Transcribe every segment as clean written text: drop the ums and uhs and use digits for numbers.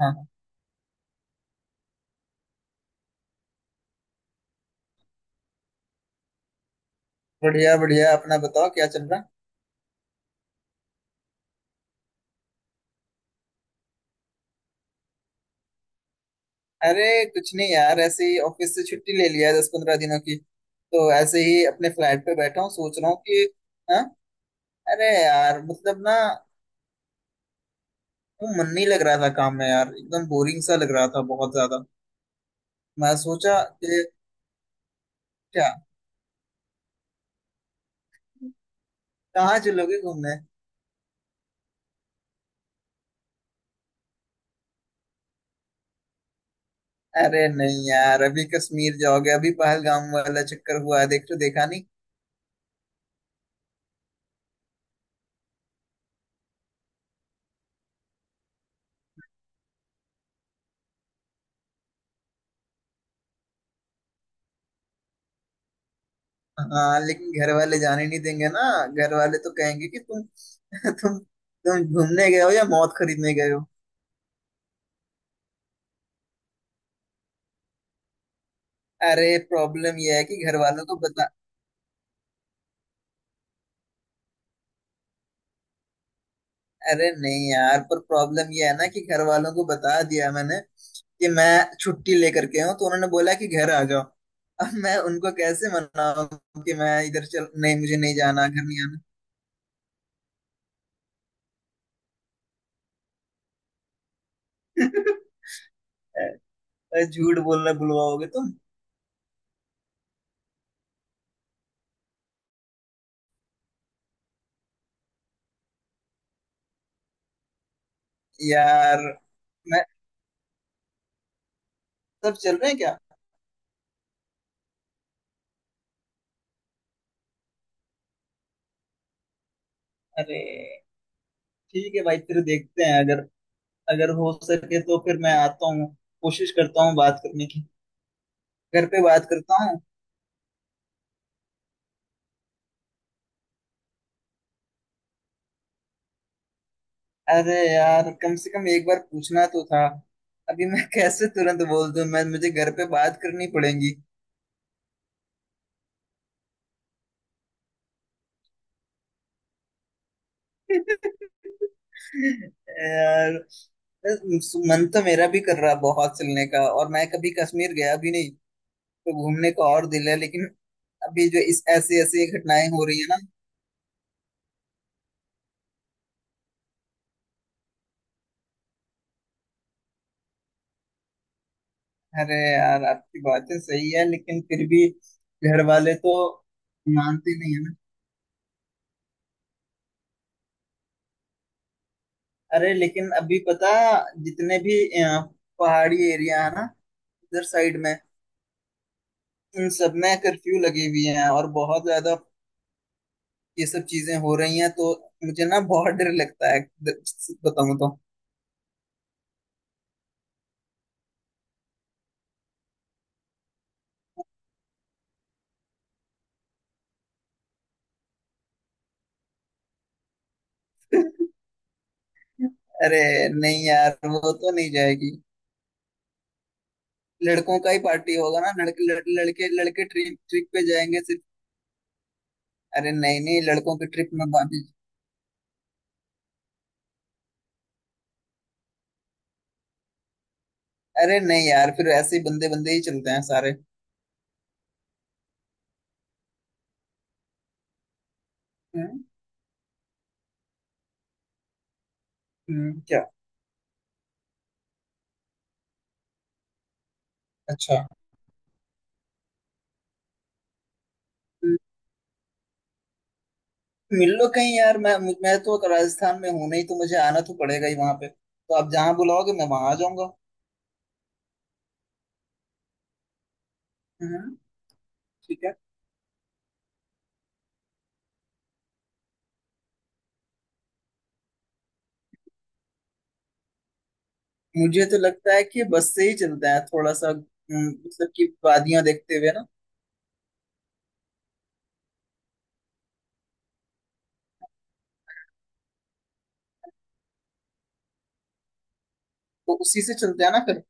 हाँ। बढ़िया बढ़िया, अपना बताओ, क्या चल रहा? अरे कुछ नहीं यार, ऐसे ही ऑफिस से छुट्टी ले लिया है दस पंद्रह दिनों की, तो ऐसे ही अपने फ्लैट पे बैठा हूँ, सोच रहा हूँ कि। हाँ। अरे यार मतलब ना, वो मन नहीं लग रहा था काम में यार, एकदम बोरिंग सा लग रहा था बहुत ज्यादा। मैं सोचा कि। क्या? कहाँ चलोगे घूमने? अरे नहीं यार, अभी कश्मीर जाओगे? अभी पहलगाम वाला चक्कर हुआ है, देख तो देखा नहीं। हाँ, लेकिन घर वाले जाने नहीं देंगे ना। घर वाले तो कहेंगे कि तुम तुम घूमने गए हो या मौत खरीदने गए हो। अरे प्रॉब्लम ये है कि घर वालों को बता। अरे नहीं यार, पर प्रॉब्लम ये है ना कि घर वालों को बता दिया मैंने कि मैं छुट्टी लेकर के हूँ, तो उन्होंने बोला कि घर आ जाओ। अब मैं उनको कैसे मनाऊं कि मैं इधर चल, नहीं मुझे नहीं जाना, घर नहीं आना। अरे, झूठ बोलना बुलवाओगे तुम। यार मैं, सब चल रहे हैं क्या? अरे ठीक है भाई, फिर देखते हैं, अगर अगर हो सके तो फिर मैं आता हूँ। कोशिश करता हूँ बात करने की। घर पे बात करता हूँ। अरे यार, कम से कम एक बार पूछना तो था। अभी मैं कैसे तुरंत बोल दूँ, मैं मुझे घर पे बात करनी पड़ेगी। यार, बस मन तो मेरा भी कर रहा है बहुत चलने का, और मैं कभी कश्मीर गया भी नहीं। तो घूमने का और दिल है, लेकिन। अभी जो इस ऐसी ऐसी घटनाएं हो रही है ना। अरे यार, आपकी बातें सही है, लेकिन फिर भी घर वाले तो मानते नहीं है ना। अरे लेकिन अभी पता, जितने भी अ, पहाड़ी एरिया है ना, इधर साइड में। इन सब में कर्फ्यू लगी हुई है और बहुत ज्यादा ये सब चीजें हो रही हैं, तो मुझे ना बहुत डर लगता है बताऊं तो। अरे नहीं यार, वो तो नहीं जाएगी। लड़कों का ही पार्टी होगा ना। लड़के लड़के ट्रिप ट्रिप पे जाएंगे सिर्फ। अरे नहीं, नहीं, लड़कों की ट्रिप में। अरे नहीं यार, फिर ऐसे ही बंदे बंदे ही चलते हैं सारे। हम्म। क्या? अच्छा। हम्म। मिल लो कहीं यार, मैं तो राजस्थान में हूं नहीं, तो मुझे आना तो पड़ेगा ही वहां पे, तो आप जहां बुलाओगे मैं वहां आ जाऊंगा। हम्म। ठीक है। मुझे तो लगता है कि बस से ही चलते हैं थोड़ा सा, मतलब कि वादियां देखते हुए ना। तो उसी से चलते हैं ना फिर।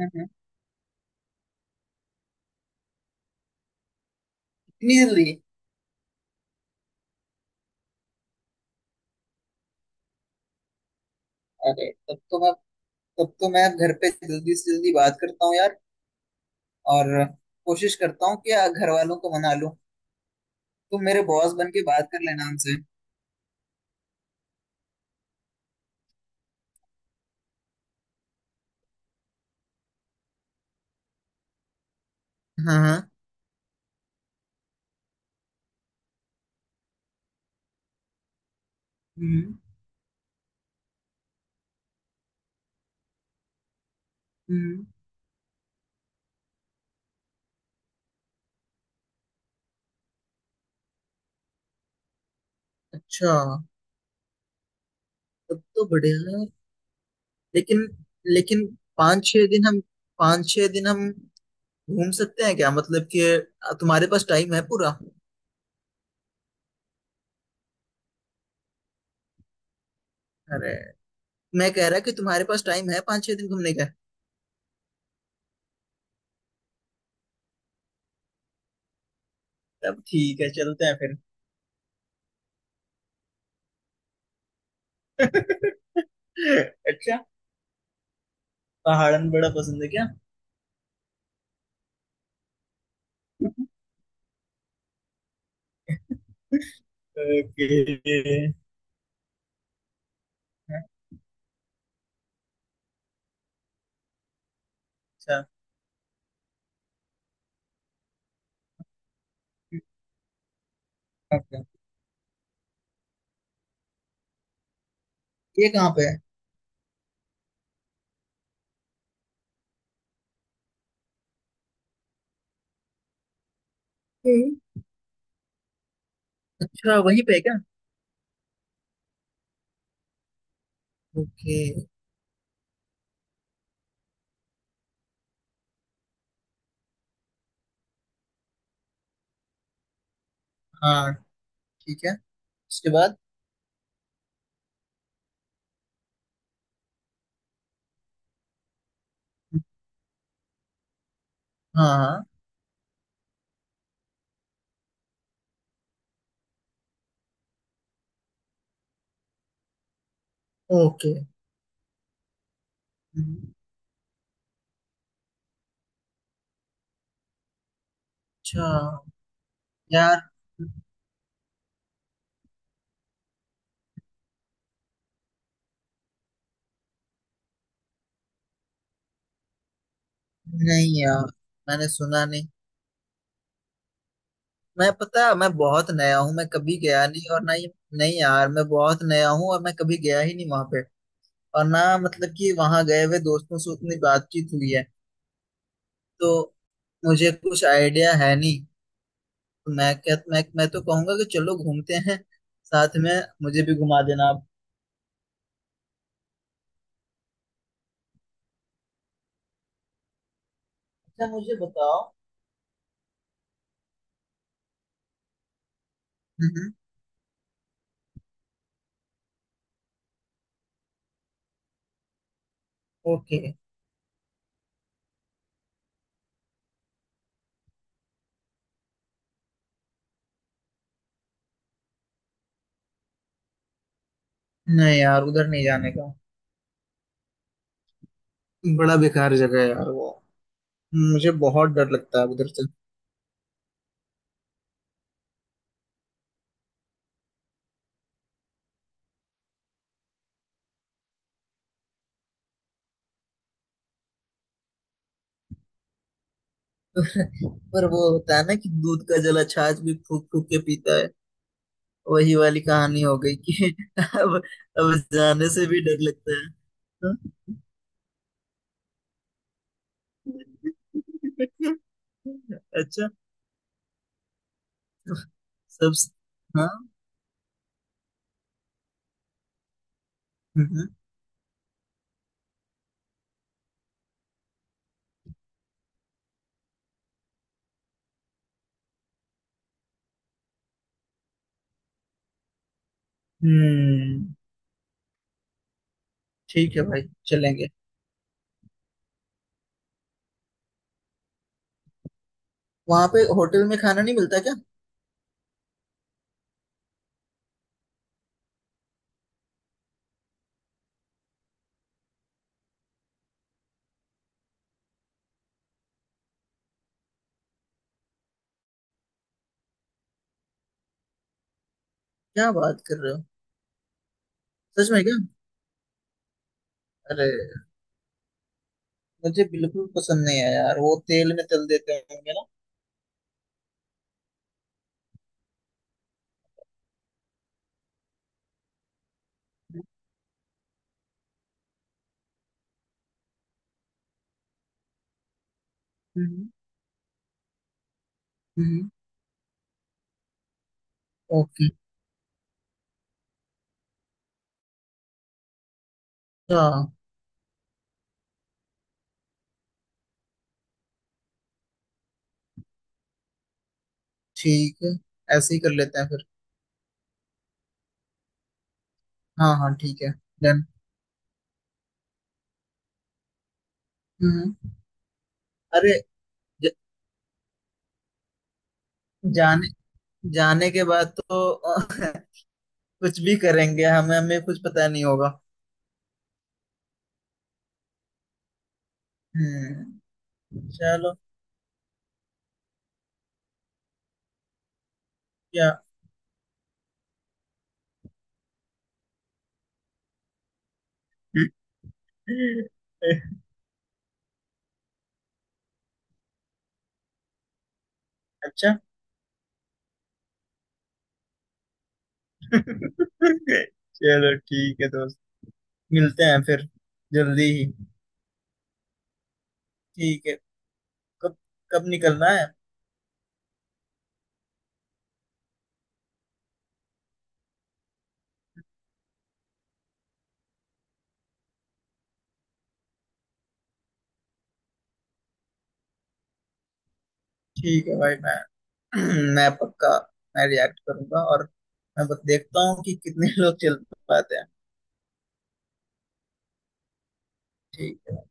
हम्म, इतनी जल्दी? अरे तब तो मैं घर पे जल्दी से जल्दी बात करता हूँ यार। और कोशिश करता हूँ कि घर वालों को मना लूं। तुम मेरे बॉस बन के बात कर लेना उनसे। हाँ, हाँ। हम्म। हम्म। अच्छा, तब तो बढ़िया है। लेकिन लेकिन, पाँच छह दिन हम पाँच छह दिन हम घूम सकते हैं क्या, मतलब कि तुम्हारे पास टाइम है पूरा? अरे मैं कह रहा कि तुम्हारे पास टाइम है पाँच छह दिन घूमने का? तब ठीक है, चलते हैं फिर। अच्छा, पहाड़न बड़ा पसंद है क्या? ओके। अच्छा। ओके। ये कहाँ पे है? हम्म। अच्छा, वहीं पे है क्या? ओके। हाँ, ठीक है, उसके बाद। हाँ, हाँ। ओके। अच्छा यार। नहीं यार, मैंने सुना नहीं। मैं पता है, मैं बहुत नया हूँ, मैं कभी गया नहीं और ना ही। नहीं यार, मैं बहुत नया हूँ, और मैं कभी गया ही नहीं वहां पे। और ना मतलब कि वहां गए हुए दोस्तों से उतनी बातचीत हुई है। तो मुझे कुछ आइडिया है नहीं। तो मैं क्या, मैं तो कहूंगा कि चलो घूमते हैं। साथ में मुझे भी घुमा देना आप। अच्छा, मुझे बताओ। हम्म। ओके। नहीं यार, उधर नहीं जाने का। बड़ा बेकार जगह है यार वो। मुझे बहुत डर लगता है उधर से। पर वो होता है ना कि दूध का जला छाछ भी फूक फूक के पीता है। वही वाली कहानी हो गई कि। अब। अब जाने से भी डर लगता है। अच्छा। सब। हाँ। हम्म। हम्म, ठीक है भाई, चलेंगे। वहां पे होटल में खाना नहीं मिलता क्या? क्या बात कर रहे हो? सच में क्या? अरे, मुझे बिल्कुल पसंद नहीं है यार, वो तेल में तल देते होंगे ना। हम्म। हम्म। ओके। अच्छा। ठीक है, ऐसे ही कर लेते हैं फिर। हाँ, हाँ, ठीक है। डन। हम्म। अरे ज, जाने जाने के बाद तो कुछ भी करेंगे, हमें हमें कुछ पता नहीं होगा। हम्म। चलो। क्या? अच्छा। चलो, ठीक है दोस्त, मिलते हैं फिर जल्दी ही। ठीक है। कब कब निकलना है? ठीक है भाई, मैं मैं पक्का, मैं रिएक्ट करूंगा, और मैं बस देखता हूँ कि कितने लोग चल पाते हैं। ठीक है।